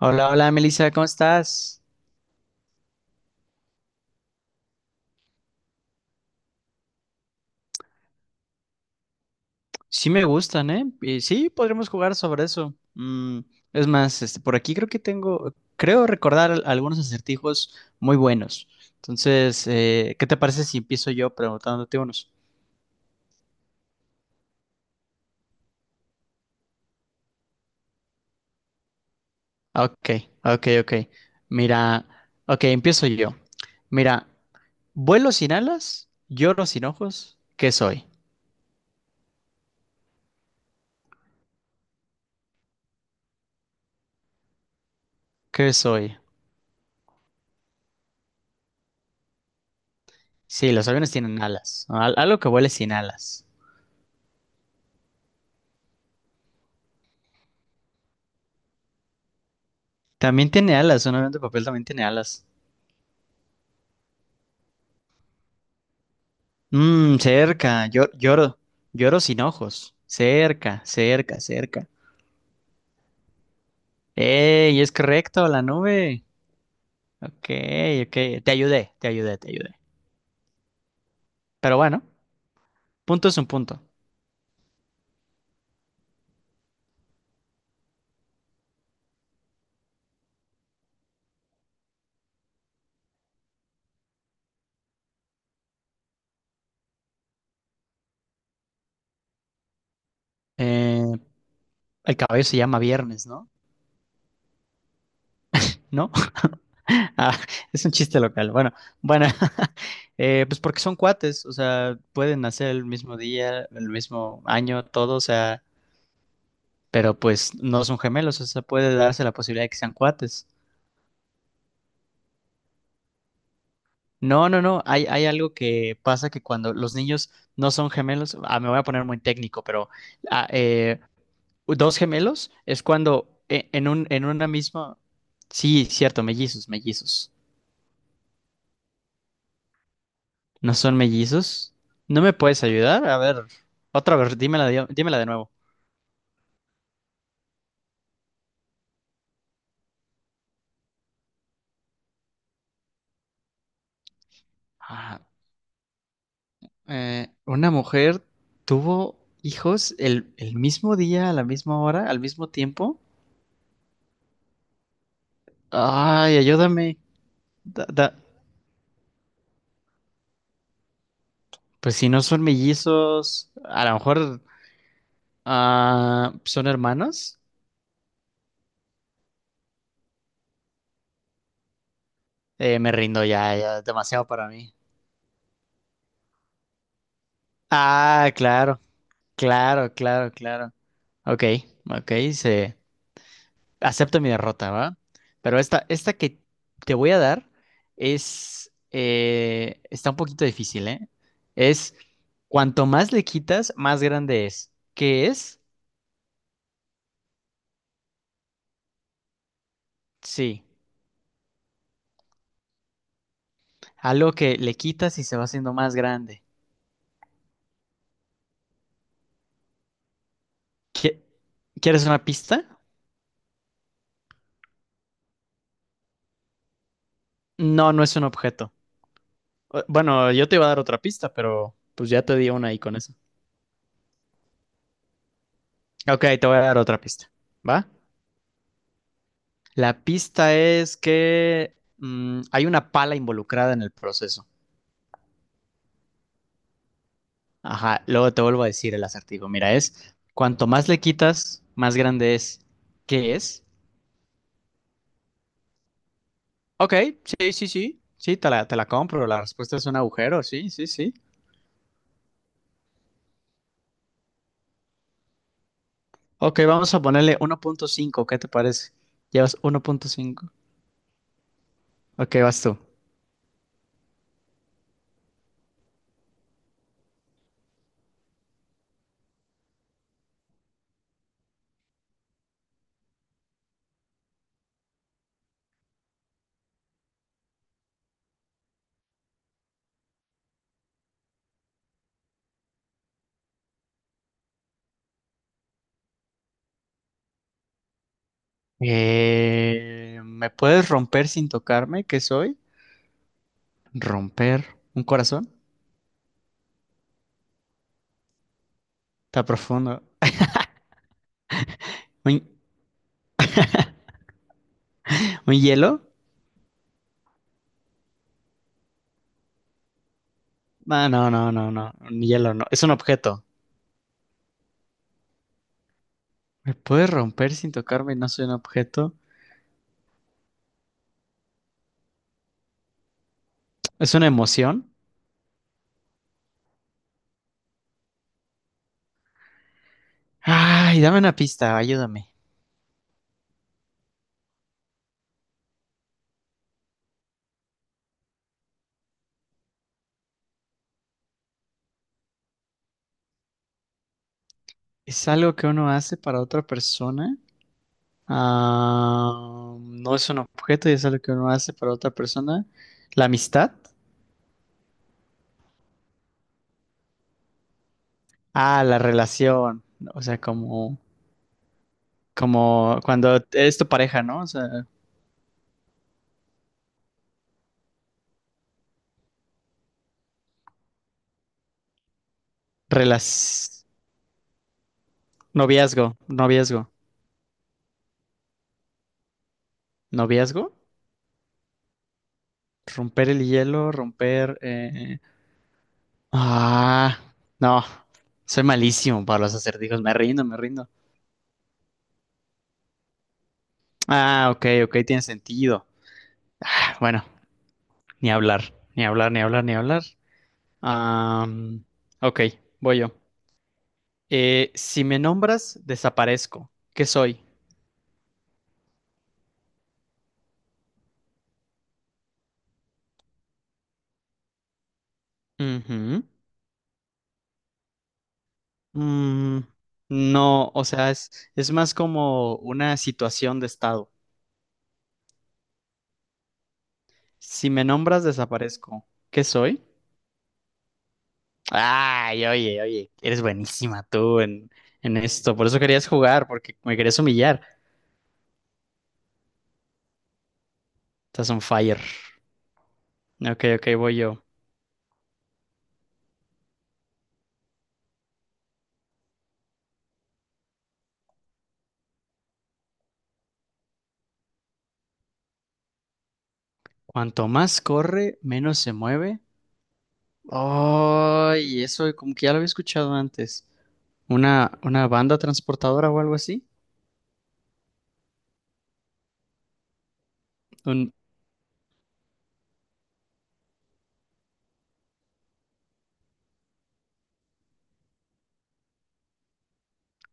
Hola, hola, Melissa, ¿cómo estás? Sí me gustan, ¿eh? Y sí, podremos jugar sobre eso. Mm, es más, este, por aquí creo que tengo, creo recordar algunos acertijos muy buenos. Entonces, ¿qué te parece si empiezo yo preguntándote unos? Ah, ok, ok, ok. Mira, ok, empiezo yo. Mira, vuelo sin alas, lloro sin ojos, ¿qué soy? ¿Qué soy? Sí, los aviones tienen alas, ¿no? Algo que vuele sin alas. También tiene alas, un avión de papel también tiene alas. Mmm, cerca. Lloro, lloro sin ojos. Cerca, cerca, cerca. ¡Ey! Es correcto, la nube. Ok, ok. Te ayudé, te ayudé, te ayudé. Pero bueno, punto es un punto. Eh, el caballo se llama Viernes, ¿no? ¿No? Ah, es un chiste local. Bueno, bueno, pues porque son cuates, o sea, pueden nacer el mismo día, el mismo año, todo, o sea, pero pues no son gemelos, o sea, puede darse la posibilidad de que sean cuates. No, no, no. Hay algo que pasa que cuando los niños no son gemelos, ah, me voy a poner muy técnico, pero ah, eh, dos gemelos es cuando en un, en una misma. Sí, cierto, mellizos, mellizos. ¿No son mellizos? ¿No me puedes ayudar? A ver, otra vez, dímela de nuevo. Ah, una mujer tuvo hijos el mismo día, a la misma hora, al mismo tiempo. Ay, ayúdame. Da. da- Pues si no son mellizos, a lo mejor son hermanos. Me rindo ya, ya, es demasiado para mí. Ah, claro, claro, claro, claro. Ok, ok, se acepto mi derrota, ¿va? Pero esta que te voy a dar es, está un poquito difícil, ¿eh? Es cuanto más le quitas, más grande es. ¿Qué es? Sí, algo que le quitas y se va haciendo más grande. ¿Qui- ¿Quieres una pista? No, no es un objeto. Bueno, yo te iba a dar otra pista, pero pues ya te di una ahí con eso. Ok, te voy a dar otra pista. ¿Va? La pista es que hay una pala involucrada en el proceso. Ajá, luego te vuelvo a decir el acertijo. Mira, es cuanto más le quitas, más grande es. ¿Qué es? Ok, sí, sí, sí. Sí, te la compro. La respuesta es un agujero. Sí, sí, sí. Ok, vamos a ponerle uno punto cinco. ¿Qué te parece? Llevas uno punto cinco. Ok, vas tú. ¿Me puedes romper sin tocarme? ¿Qué soy? ¿Romper un corazón? Está profundo. ¿Un, un hielo? Ah, no, no, no, no. Un hielo no. Es un objeto. ¿Me puedes romper sin tocarme? No soy un objeto. ¿Es una emoción? Ay, dame una pista, ayúdame. ¿Es algo que uno hace para otra persona? Ah, no es un objeto y es algo que uno hace para otra persona. ¿La amistad? Ah, la relación. O sea, como... como cuando eres tu pareja, ¿no? O sea, relas... noviazgo, noviazgo, noviazgo, romper el hielo, romper... Ah, no, soy malísimo para los acertijos, me rindo, me rindo. Ah, ok, ok, tiene sentido. Ah, bueno, ni hablar, ni hablar, ni hablar, ni hablar. Am, ok, voy yo. Si me nombras, desaparezco. ¿Qué soy? Ujú. Mm, no, o sea, es más como una situación de estado. Si me nombras, desaparezco. ¿Qué soy? Ay, oye, oye, eres buenísima tú en esto. Por eso querías jugar, porque me querías humillar. Estás on fire. Ok, ok, voy yo. Cuanto más corre, menos se mueve. Ay, eso como que ya lo había escuchado antes. Una banda transportadora o algo así? ¿Un-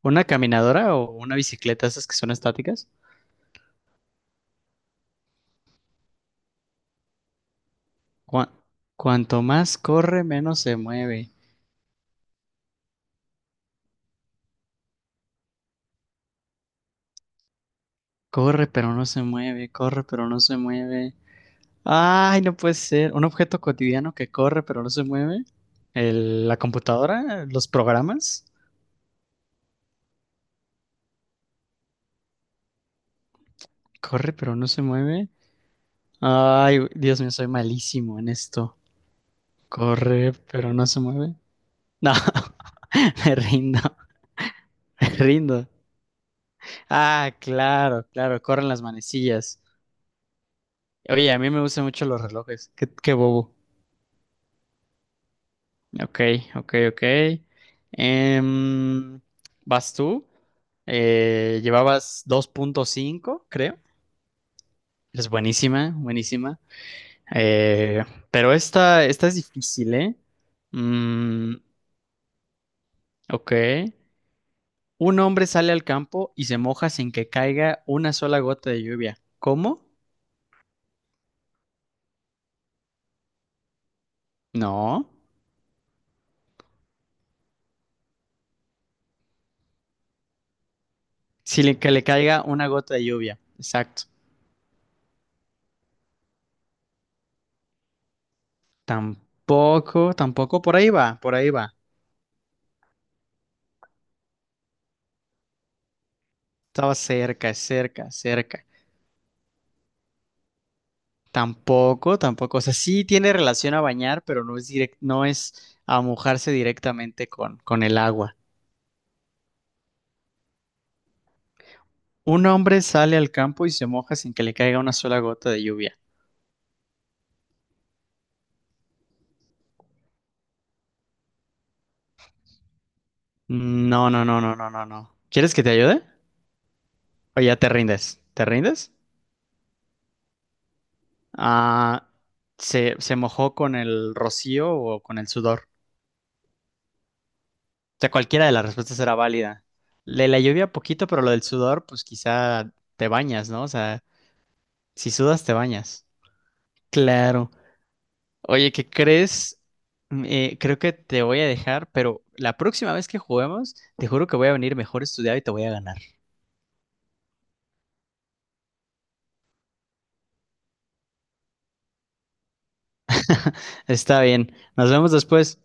una caminadora o una bicicleta, esas que son estáticas? Cua- cuanto más corre, menos se mueve. Corre, pero no se mueve. Corre, pero no se mueve. Ay, no puede ser. Un objeto cotidiano que corre, pero no se mueve. La computadora, los programas. Corre, pero no se mueve. Ay, güey, Dios mío, soy malísimo en esto. Corre, pero no se mueve. No, me rindo, me rindo. Ah, claro, claro, corren las manecillas. Oye, a mí me gustan mucho los relojes. Qué, qué bobo. Ok, ok, ok. Em, ¿Vas tú? Llevabas dos punto cinco, creo. Es buenísima, buenísima. Eh, pero esta, esta es difícil, ¿eh? Mm, ok. Un hombre sale al campo y se moja sin que caiga una sola gota de lluvia. ¿Cómo? No. Sin le- que le caiga una gota de lluvia. Exacto. Tampoco, tampoco. Por ahí va, por ahí va. Estaba cerca, cerca, cerca. Tampoco, tampoco. O sea, sí tiene relación a bañar, pero no es a mojarse directamente con el agua. Un hombre sale al campo y se moja sin que le caiga una sola gota de lluvia. No, no, no, no, no, no, no. ¿Quieres que te ayude? O ya te rindes. ¿Te rindes? Ah, se mojó con el rocío o con el sudor. O sea, cualquiera de las respuestas era válida. Le la lluvia poquito, pero lo del sudor, pues quizá te bañas, ¿no? O sea, si sudas, te bañas. Claro. Oye, ¿qué crees? Creo que te voy a dejar, pero la próxima vez que juguemos, te juro que voy a venir mejor estudiado y te voy a ganar. Está bien, nos vemos después.